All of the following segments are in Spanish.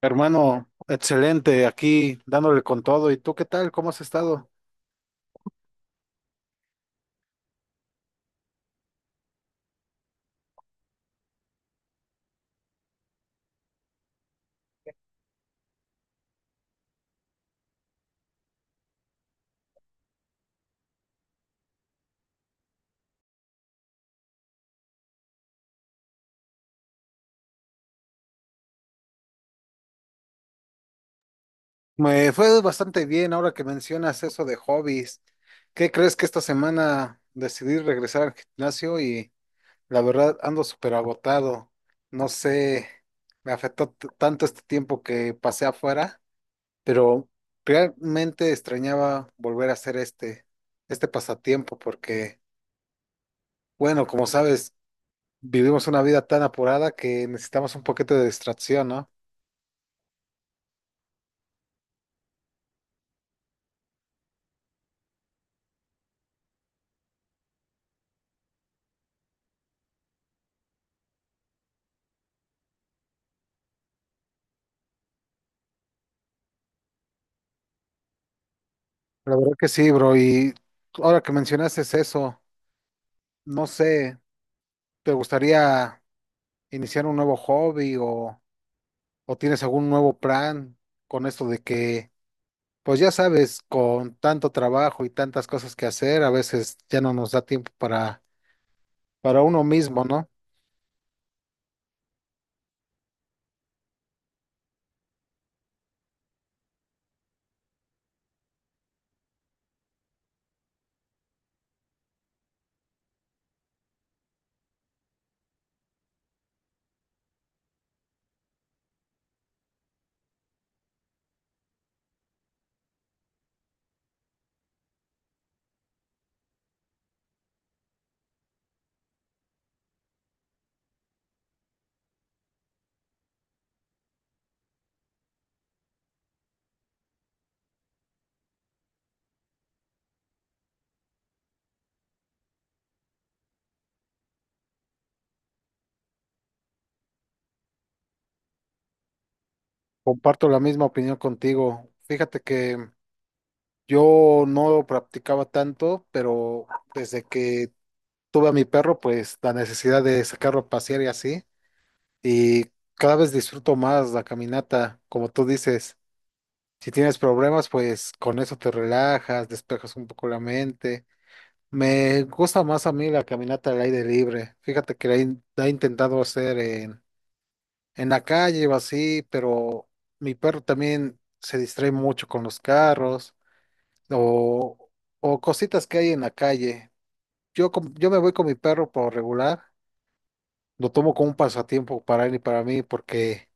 Hermano, excelente, aquí dándole con todo. ¿Y tú qué tal? ¿Cómo has estado? Me fue bastante bien ahora que mencionas eso de hobbies. ¿Qué crees que esta semana decidí regresar al gimnasio y la verdad ando súper agotado? No sé, me afectó tanto este tiempo que pasé afuera. Pero realmente extrañaba volver a hacer este pasatiempo porque, bueno, como sabes, vivimos una vida tan apurada que necesitamos un poquito de distracción, ¿no? La verdad que sí, bro, y ahora que mencionaste eso, no sé, ¿te gustaría iniciar un nuevo hobby o tienes algún nuevo plan con esto de que, pues ya sabes, con tanto trabajo y tantas cosas que hacer, a veces ya no nos da tiempo para uno mismo, ¿no? Comparto la misma opinión contigo. Fíjate que yo no practicaba tanto, pero desde que tuve a mi perro, pues la necesidad de sacarlo a pasear y así, y cada vez disfruto más la caminata, como tú dices. Si tienes problemas, pues con eso te relajas, despejas un poco la mente. Me gusta más a mí la caminata al aire libre. Fíjate que la he intentado hacer en la calle o así, pero mi perro también se distrae mucho con los carros o, o cositas que hay en la calle. Yo me voy con mi perro por regular, lo tomo como un pasatiempo para él y para mí porque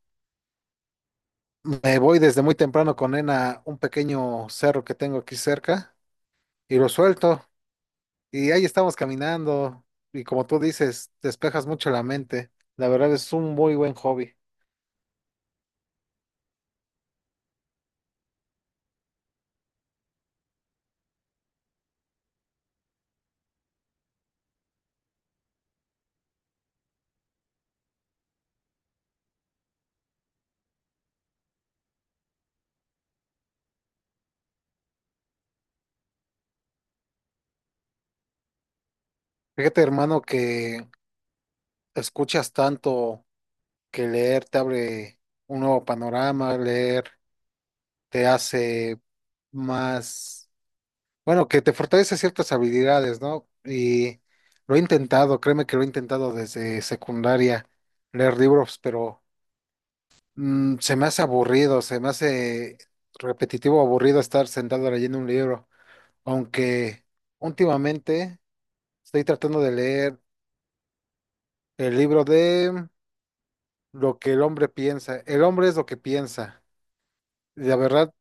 me voy desde muy temprano con él a un pequeño cerro que tengo aquí cerca y lo suelto y ahí estamos caminando y, como tú dices, despejas mucho la mente. La verdad es un muy buen hobby. Fíjate, hermano, que escuchas tanto, que leer te abre un nuevo panorama, leer te hace más, bueno, que te fortalece ciertas habilidades, ¿no? Y lo he intentado, créeme que lo he intentado desde secundaria, leer libros, pero se me hace aburrido, se me hace repetitivo, aburrido estar sentado leyendo un libro, aunque últimamente estoy tratando de leer el libro de Lo que el hombre piensa. El hombre es lo que piensa. La verdad,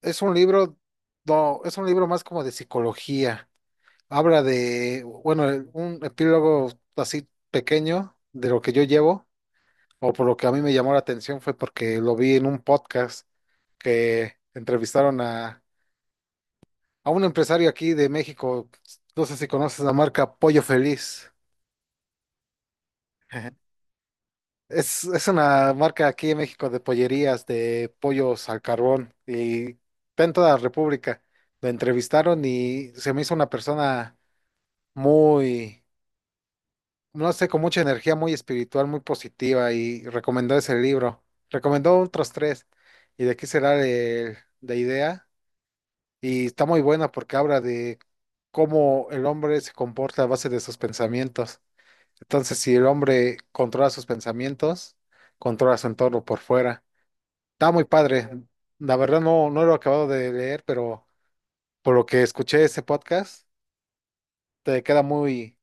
Es un libro, no, es un libro más como de psicología. Habla de, bueno, un epílogo así pequeño de lo que yo llevo, o por lo que a mí me llamó la atención fue porque lo vi en un podcast que entrevistaron a un empresario aquí de México. No sé si conoces la marca Pollo Feliz. Ajá. Es una marca aquí en México de pollerías, de pollos al carbón, y está en toda la República. Lo entrevistaron y se me hizo una persona muy, no sé, con mucha energía, muy espiritual, muy positiva, y recomendó ese libro. Recomendó otros tres. ¿Y de qué será la idea? Y está muy buena porque habla de cómo el hombre se comporta a base de sus pensamientos. Entonces, si el hombre controla sus pensamientos, controla su entorno por fuera. Está muy padre. La verdad no, no lo he acabado de leer, pero por lo que escuché ese podcast, te queda muy,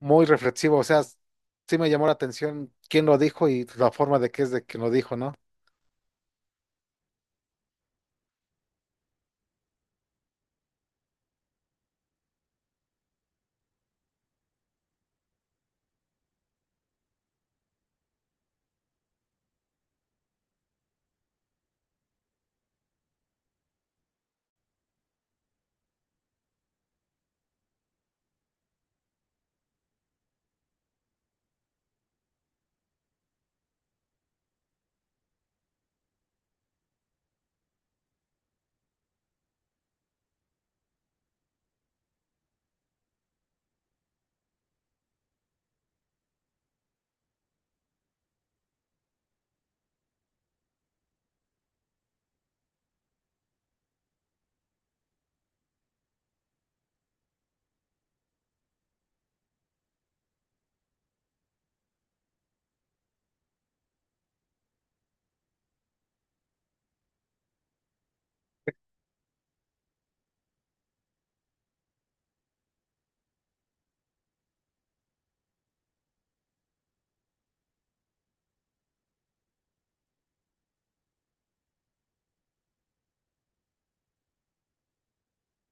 muy reflexivo. O sea, sí me llamó la atención quién lo dijo y la forma de que es de que lo dijo, ¿no?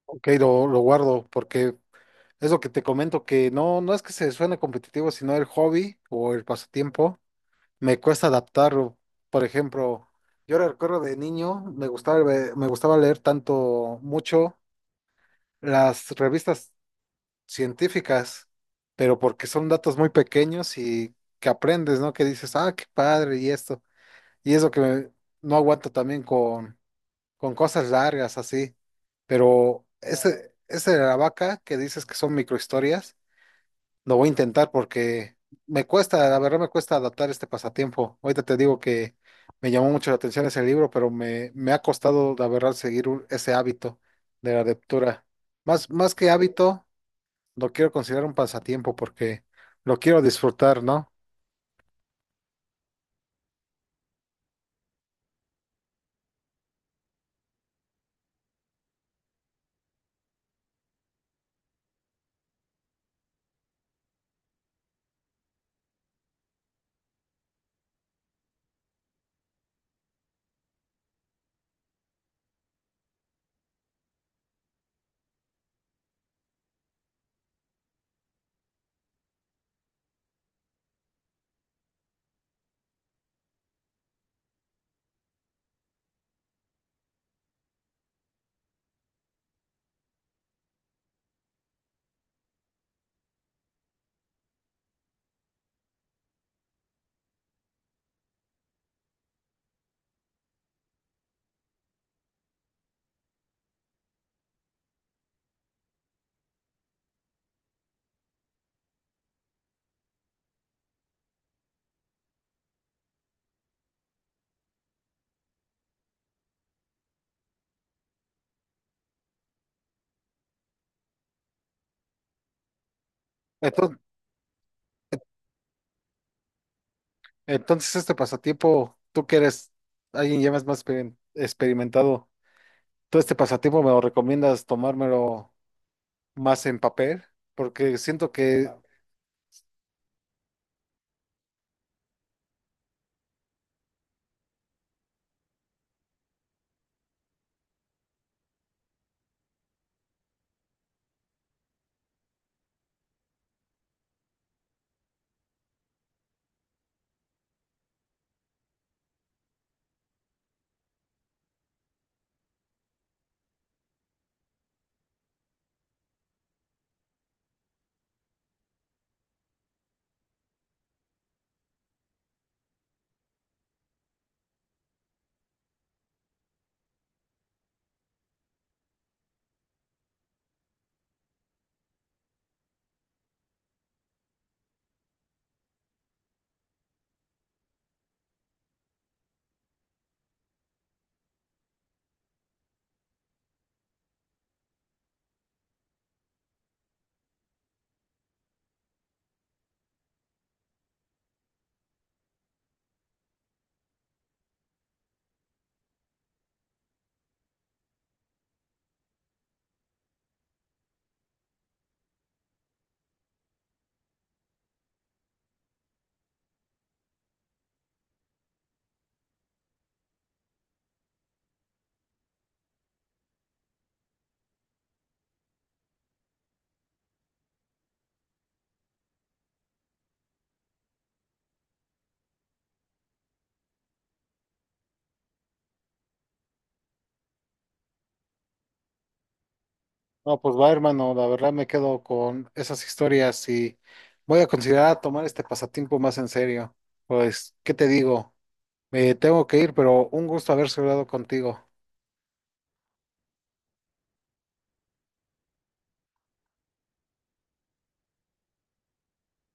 Ok, lo guardo porque es lo que te comento, que no es que se suene competitivo, sino el hobby o el pasatiempo, me cuesta adaptarlo. Por ejemplo, yo recuerdo de niño, me gustaba leer tanto, mucho las revistas científicas, pero porque son datos muy pequeños y que aprendes, ¿no? Que dices, ah, qué padre y esto. Y eso que no aguanto también con cosas largas así. Pero ese de la vaca que dices que son microhistorias, lo voy a intentar porque me cuesta, la verdad me cuesta adaptar este pasatiempo. Ahorita te digo que me llamó mucho la atención ese libro, pero me ha costado, la verdad, seguir ese hábito de la lectura. Más que hábito, lo quiero considerar un pasatiempo porque lo quiero disfrutar, ¿no? entonces Entonces, este pasatiempo, tú que eres alguien ya más experimentado, ¿tú este pasatiempo me lo recomiendas tomármelo más en papel? Porque siento que, no, pues va, hermano, la verdad me quedo con esas historias y voy a considerar tomar este pasatiempo más en serio. Pues, ¿qué te digo? Me tengo que ir, pero un gusto haber hablado contigo.